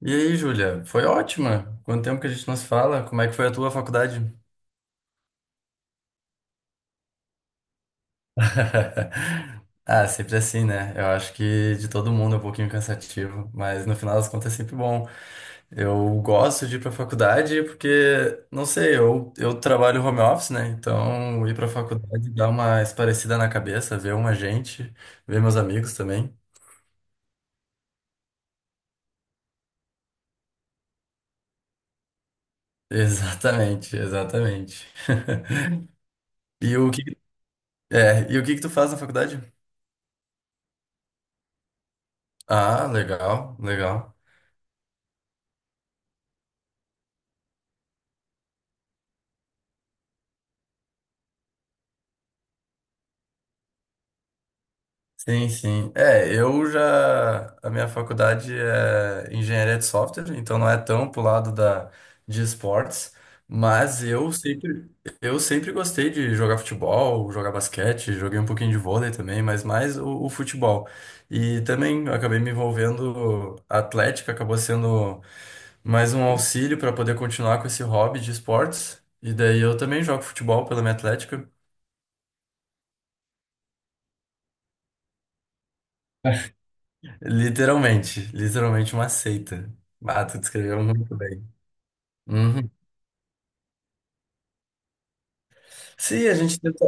E aí, Júlia? Foi ótima. Quanto tempo que a gente não se fala? Como é que foi a tua faculdade? Ah, sempre assim, né? Eu acho que de todo mundo é um pouquinho cansativo, mas no final das contas é sempre bom. Eu gosto de ir pra faculdade porque, não sei, eu trabalho home office, né? Então ir pra faculdade dá uma esparecida na cabeça, ver uma gente, ver meus amigos também. Exatamente, exatamente. E o que, e o que que tu faz na faculdade? Ah, legal, legal. Sim, sim. É, eu já. A minha faculdade é engenharia de software, então não é tão pro lado de esportes, mas eu sempre gostei de jogar futebol, jogar basquete, joguei um pouquinho de vôlei também, mas mais o futebol. E também eu acabei me envolvendo, a atlética acabou sendo mais um auxílio para poder continuar com esse hobby de esportes. E daí eu também jogo futebol pela minha atlética. Literalmente, literalmente uma seita. Ah, tu descreveu muito bem. Uhum. Sim, a gente tenta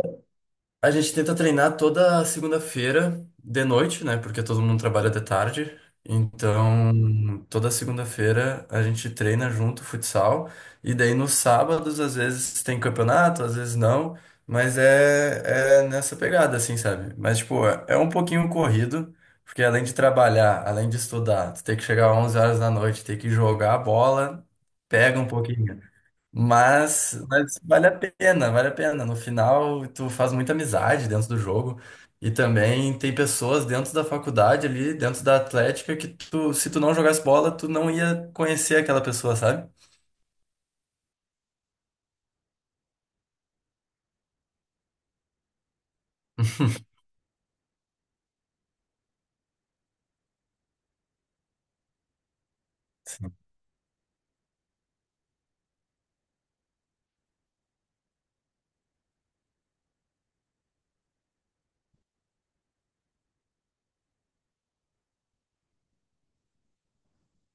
A gente tenta treinar toda segunda-feira de noite, né? Porque todo mundo trabalha de tarde. Então, toda segunda-feira a gente treina junto futsal. E daí nos sábados, às vezes tem campeonato, às vezes não. Mas é nessa pegada, assim, sabe? Mas, tipo, é um pouquinho corrido. Porque além de trabalhar, além de estudar, tu tem que chegar às 11 horas da noite, tem que jogar a bola, pega um pouquinho. Mas vale a pena, vale a pena. No final, tu faz muita amizade dentro do jogo. E também tem pessoas dentro da faculdade ali, dentro da Atlética, que tu, se tu não jogasse bola, tu não ia conhecer aquela pessoa, sabe?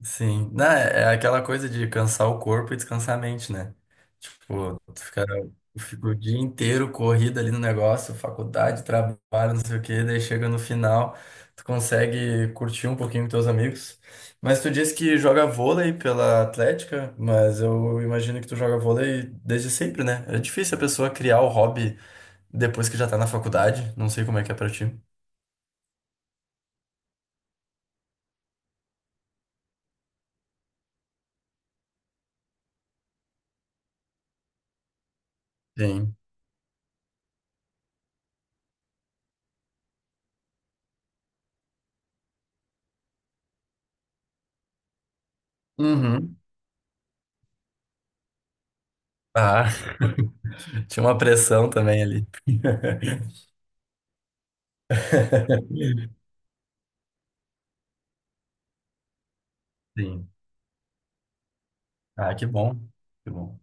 Sim, não, é aquela coisa de cansar o corpo e descansar a mente, né? Tipo, tu fica o dia inteiro corrido ali no negócio, faculdade, trabalho, não sei o quê, daí chega no final, tu consegue curtir um pouquinho com teus amigos. Mas tu disse que joga vôlei pela Atlética, mas eu imagino que tu joga vôlei desde sempre, né? É difícil a pessoa criar o hobby depois que já tá na faculdade, não sei como é que é pra ti. Sim. Uhum. Ah, tinha uma pressão também ali. Sim. Ah, que bom. Que bom.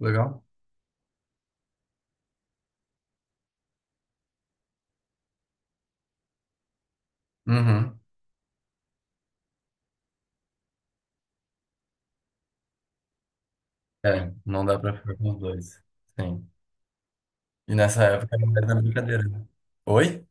Legal. Uhum. É, não dá pra ficar com os dois. Sim. E nessa época não era mais brincadeira, né? Oi?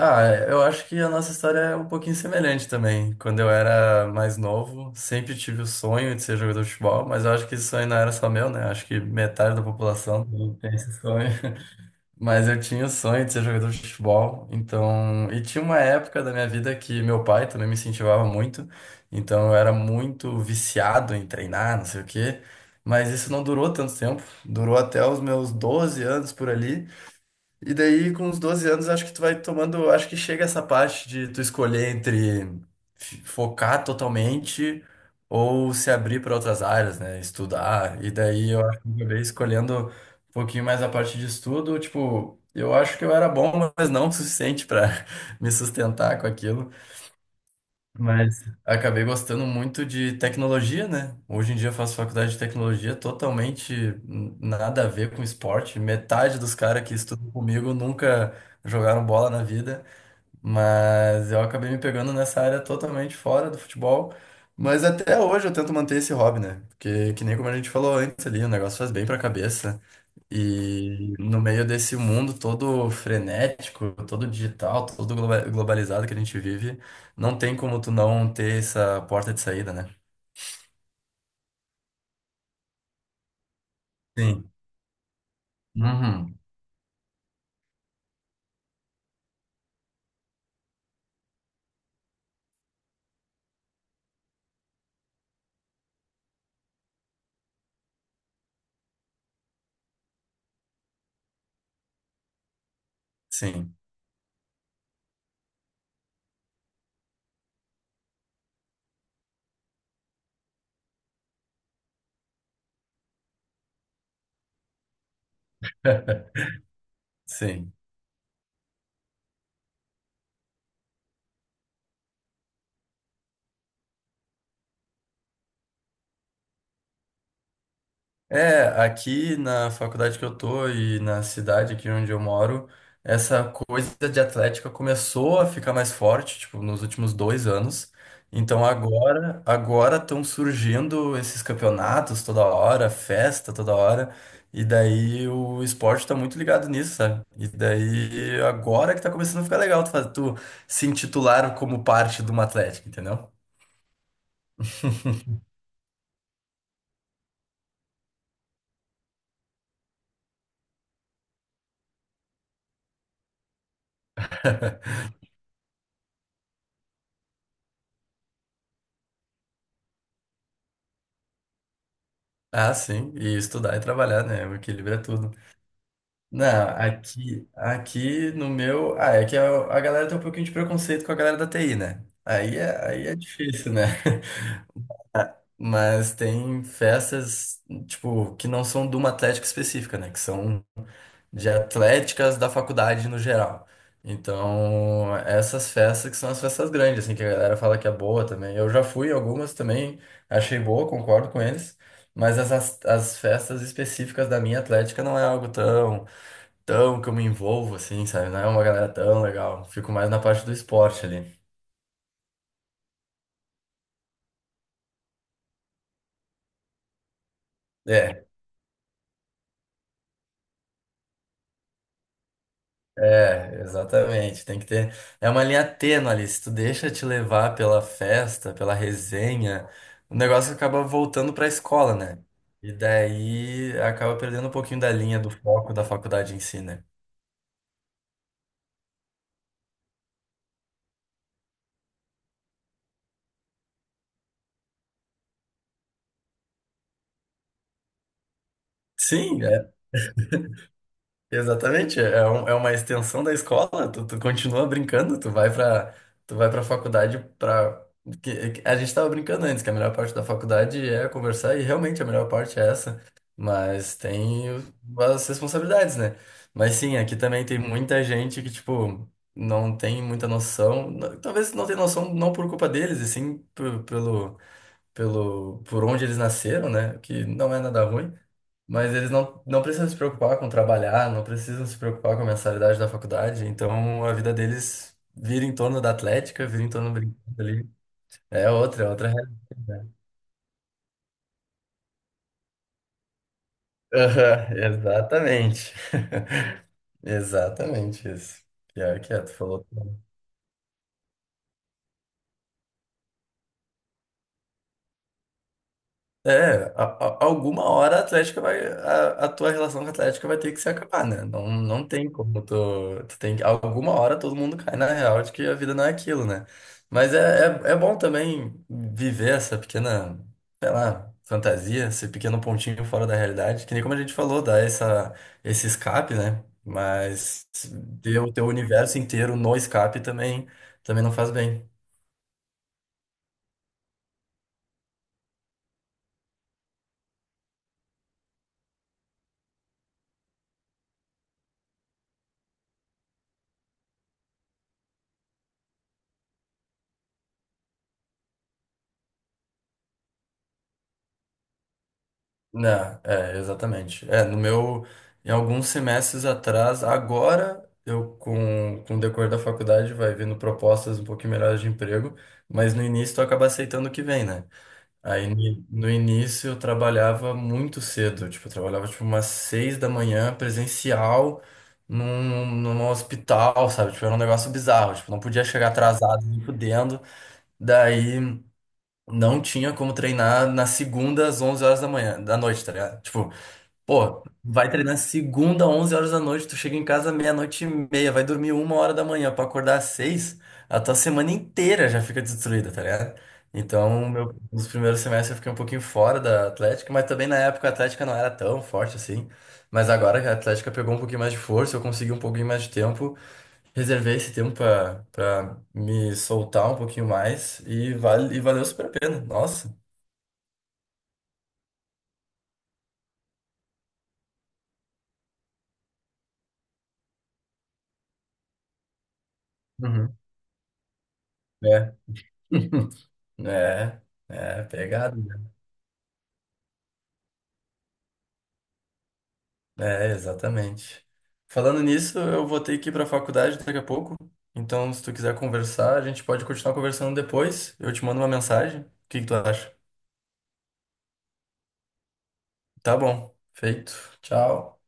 Ah, é, eu acho que a nossa história é um pouquinho semelhante também. Quando eu era mais novo, sempre tive o sonho de ser jogador de futebol, mas eu acho que esse sonho não era só meu, né? Acho que metade da população tem esse sonho. Mas eu tinha o sonho de ser jogador de futebol, então. E tinha uma época da minha vida que meu pai também me incentivava muito, então eu era muito viciado em treinar, não sei o quê. Mas isso não durou tanto tempo, durou até os meus 12 anos por ali. E daí, com uns 12 anos, acho que tu vai tomando. Acho que chega essa parte de tu escolher entre focar totalmente ou se abrir para outras áreas, né? Estudar. E daí eu acho que eu acabei escolhendo um pouquinho mais a parte de estudo. Tipo, eu acho que eu era bom, mas não o suficiente para me sustentar com aquilo. Mas acabei gostando muito de tecnologia, né? Hoje em dia eu faço faculdade de tecnologia totalmente nada a ver com esporte. Metade dos caras que estudam comigo nunca jogaram bola na vida, mas eu acabei me pegando nessa área totalmente fora do futebol. Mas até hoje eu tento manter esse hobby, né? Porque, que nem como a gente falou antes ali, o negócio faz bem pra cabeça. E no meio desse mundo todo frenético, todo digital, todo globalizado que a gente vive, não tem como tu não ter essa porta de saída, né? Sim. Uhum. Sim, sim. É, aqui na faculdade que eu tô e na cidade aqui onde eu moro, essa coisa de atlética começou a ficar mais forte, tipo, nos últimos 2 anos. Então agora estão surgindo esses campeonatos toda hora, festa toda hora, e daí o esporte tá muito ligado nisso, sabe? E daí agora que tá começando a ficar legal tu, tu se intitular como parte de uma atlética, entendeu? Ah, sim, e estudar e trabalhar, né? O equilíbrio é tudo. Não, aqui no meu. Ah, é que a galera tem um pouquinho de preconceito com a galera da TI, né? Aí é difícil, né? Mas tem festas, tipo, que não são de uma atlética específica, né? Que são de atléticas da faculdade no geral. Então, essas festas que são as festas grandes, assim, que a galera fala que é boa também. Eu já fui em algumas também, achei boa, concordo com eles. Mas as festas específicas da minha atlética não é algo tão que eu me envolvo, assim, sabe? Não é uma galera tão legal. Fico mais na parte do esporte ali. É, é, exatamente. Tem que ter. É uma linha tênue ali. Se tu deixa te levar pela festa, pela resenha, o negócio acaba voltando pra escola, né? E daí acaba perdendo um pouquinho da linha do foco da faculdade em si, né? Sim, exatamente, é, é uma extensão da escola, tu continua brincando, tu vai pra, faculdade pra... a gente tava brincando antes, que a melhor parte da faculdade é conversar, e realmente a melhor parte é essa, mas tem as responsabilidades, né? Mas sim, aqui também tem muita gente que, tipo, não tem muita noção, talvez não tenha noção não por culpa deles, e sim pelo, por onde eles nasceram, né? O que não é nada ruim, mas eles não precisam se preocupar com trabalhar, não precisam se preocupar com a mensalidade da faculdade, então a vida deles vira em torno da atlética, vira em torno do brinquedo ali. É outra realidade, né? Aham, exatamente. Exatamente isso. Pior que é, tu falou. É, alguma hora a Atlética vai, a tua relação com a Atlética vai ter que se acabar, né? Não, não tem como tu, tem, alguma hora todo mundo cai na real de que a vida não é aquilo, né? Mas é bom também viver essa pequena, sei lá, fantasia, esse pequeno pontinho fora da realidade, que nem como a gente falou, dá esse escape, né? Mas ter o teu universo inteiro no escape também, também não faz bem. Né, é, exatamente. É, no meu, em alguns semestres atrás, agora eu com o decorrer da faculdade vai vendo propostas um pouquinho melhores de emprego, mas no início tu acaba aceitando o que vem, né? Aí no início eu trabalhava muito cedo, tipo, eu trabalhava tipo umas 6 da manhã presencial num hospital, sabe? Tipo, era um negócio bizarro, tipo, não podia chegar atrasado, nem fudendo. Daí não tinha como treinar na segunda às 11 horas da manhã, da noite, tá ligado? Tipo, pô, vai treinar segunda, 11 horas da noite, tu chega em casa meia-noite e meia, vai dormir 1 hora da manhã pra acordar às 6, a tua semana inteira já fica destruída, tá ligado? Então, meu, nos primeiros semestres eu fiquei um pouquinho fora da Atlética, mas também na época a Atlética não era tão forte assim. Mas agora que a Atlética pegou um pouquinho mais de força, eu consegui um pouquinho mais de tempo, reservei esse tempo pra me soltar um pouquinho mais e valeu super a pena, nossa. Uhum. É. É, é, pegado. É, exatamente. Falando nisso, eu vou ter que ir para a faculdade daqui a pouco. Então, se tu quiser conversar, a gente pode continuar conversando depois. Eu te mando uma mensagem. O que que tu acha? Tá bom. Feito. Tchau.